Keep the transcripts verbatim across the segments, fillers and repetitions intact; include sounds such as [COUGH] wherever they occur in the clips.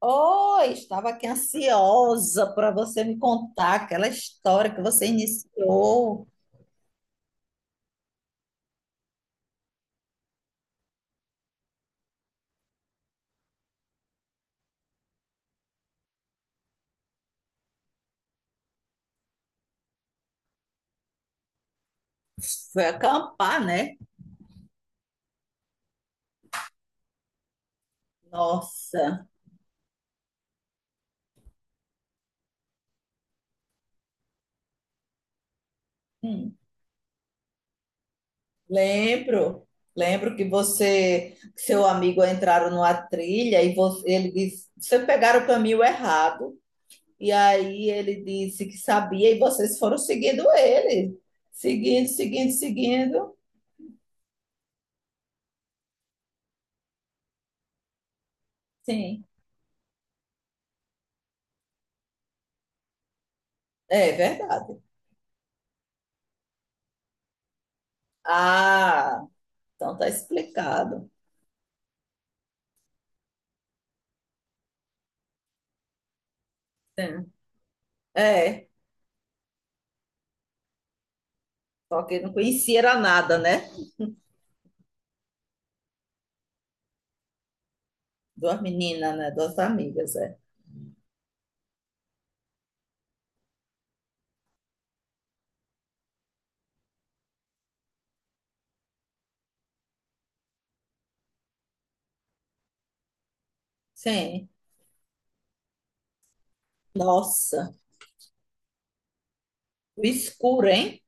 Oi, estava aqui ansiosa para você me contar aquela história que você iniciou. Foi acampar, né? Nossa, hum, lembro. Lembro que você, que seu amigo entraram numa trilha e você, ele disse, vocês pegaram o caminho errado. E aí ele disse que sabia e vocês foram seguindo ele. Seguindo, seguindo, seguindo. Sim, é verdade. Ah, então tá explicado. Sim. É. Só que não conhecia era nada, né? Duas meninas, né? Duas amigas, é. Sim. Nossa, o escuro, hein?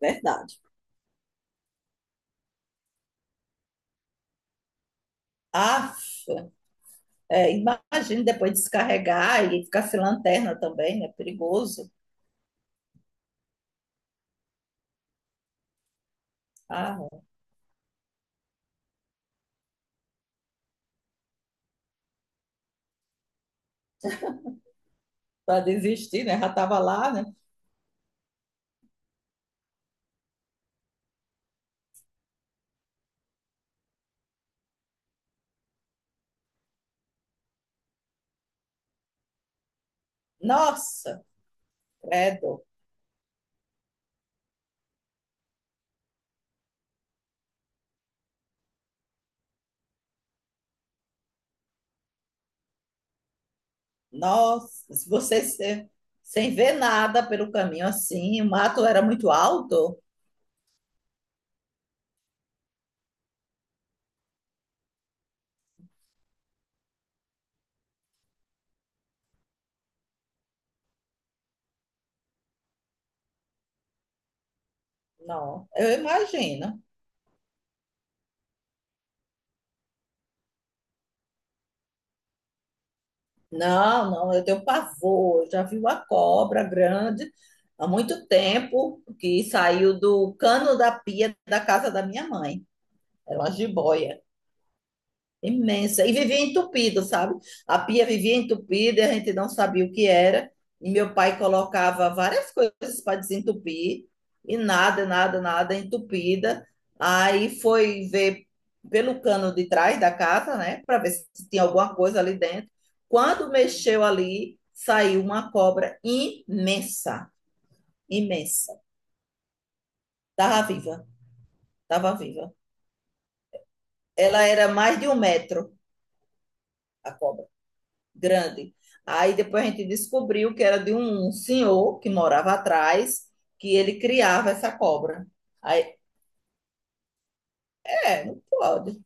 Verdade. Aff, é, imagina depois descarregar e ficar sem lanterna também, né? Perigoso. Ah, para desistir, né? Já estava lá, né? Nossa, credo. Nossa, se você se- sem ver nada pelo caminho assim, o mato era muito alto? Não, eu imagino. Não, não, eu tenho pavor. Eu já vi uma cobra grande há muito tempo que saiu do cano da pia da casa da minha mãe. Era uma jiboia. Imensa. E vivia entupido, sabe? A pia vivia entupida e a gente não sabia o que era. E meu pai colocava várias coisas para desentupir e nada, nada, nada entupida. Aí foi ver pelo cano de trás da casa, né, para ver se tinha alguma coisa ali dentro. Quando mexeu ali, saiu uma cobra imensa, imensa. Estava viva, estava viva. Ela era mais de um metro, a cobra. Grande. Aí depois a gente descobriu que era de um senhor que morava atrás, que ele criava essa cobra. Aí, é, não pode.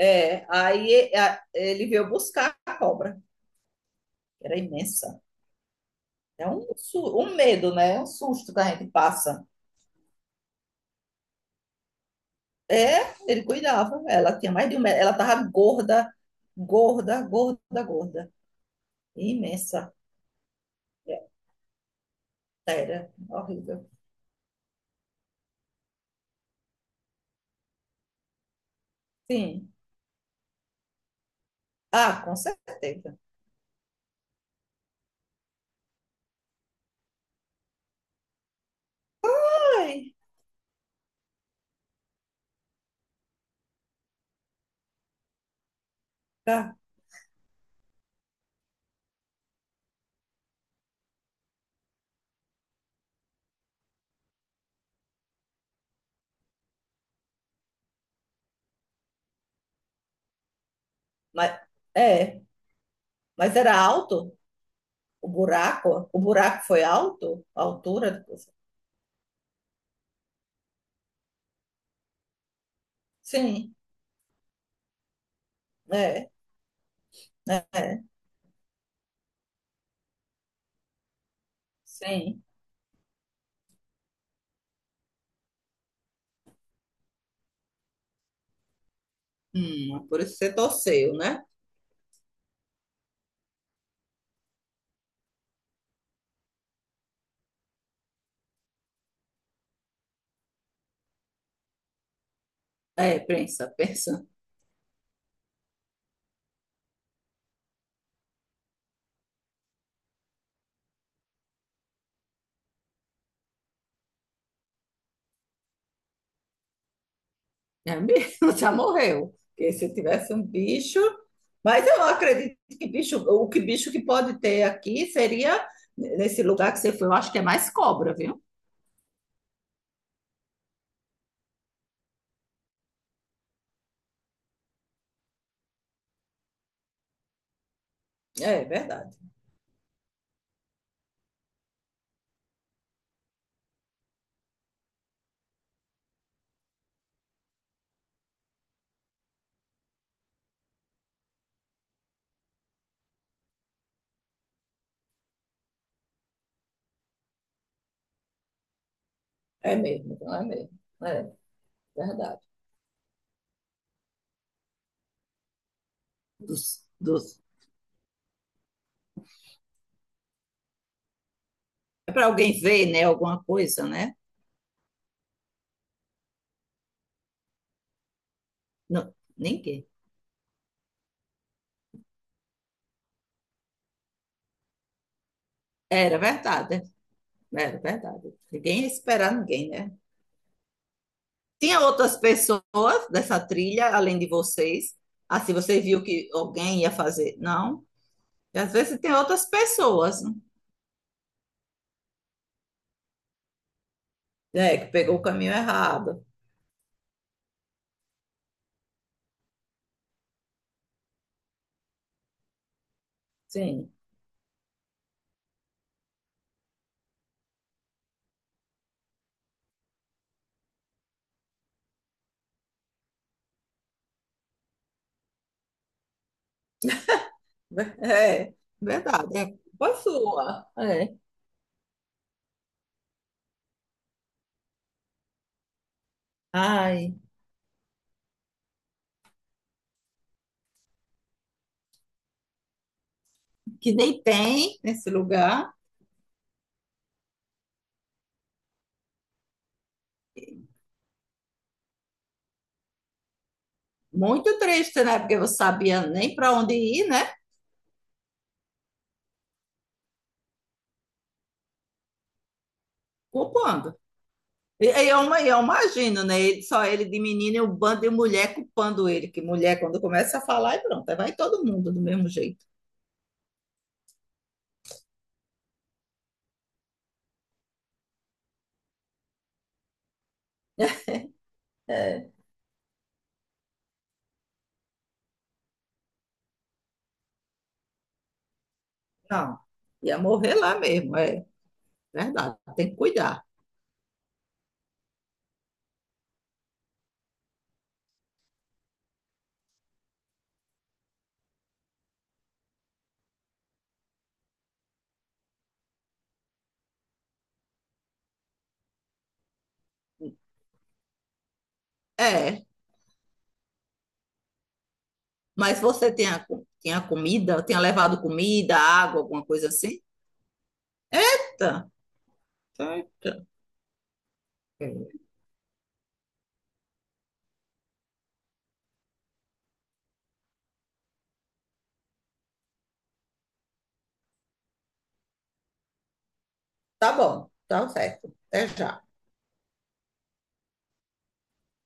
É, aí a- ele veio buscar a cobra, que era imensa. É um, su- um medo, né? Um susto que a gente passa. É, ele cuidava. Ela tinha mais de um metro. Ela tava gorda, gorda, gorda, gorda. Imensa. É, era horrível. Sim. Ah, com certeza. Ai, tá. Mas, é. Mas era alto o buraco? O buraco foi alto? A altura? Sim, é, é, sim. Hum, por isso você torceu, né? É, pensa, pensa. É mesmo, [LAUGHS] já morreu. Porque se tivesse um bicho. Mas eu acredito que bicho, o que bicho que pode ter aqui seria nesse lugar que você foi, eu acho que é mais cobra, viu? É verdade. É mesmo, não é mesmo. É verdade. Dos, dos... É para alguém ver, né? Alguma coisa, né? Não, ninguém. Era verdade, era verdade. Ninguém ia esperar ninguém, né? Tinha outras pessoas dessa trilha, além de vocês? Assim, você viu que alguém ia fazer? Não. E às vezes tem outras pessoas, né, que pegou o caminho errado. Sim, Ver- é verdade. É culpa sua. É. Ai, que nem tem nesse lugar. Muito triste, né? Porque você sabia nem para onde ir, né? Culpando. E e eu, ima- eu imagino, né? Ele, só ele de menino e o bando de mulher culpando ele, que mulher, quando começa a falar, é pronto, aí vai todo mundo do mesmo jeito. É, não, ia morrer lá mesmo, é verdade, tem que cuidar. É, mas você tinha, co- tinha comida, tinha levado comida, água, alguma coisa assim? Eita, eita. É, tá bom, tá certo, até já.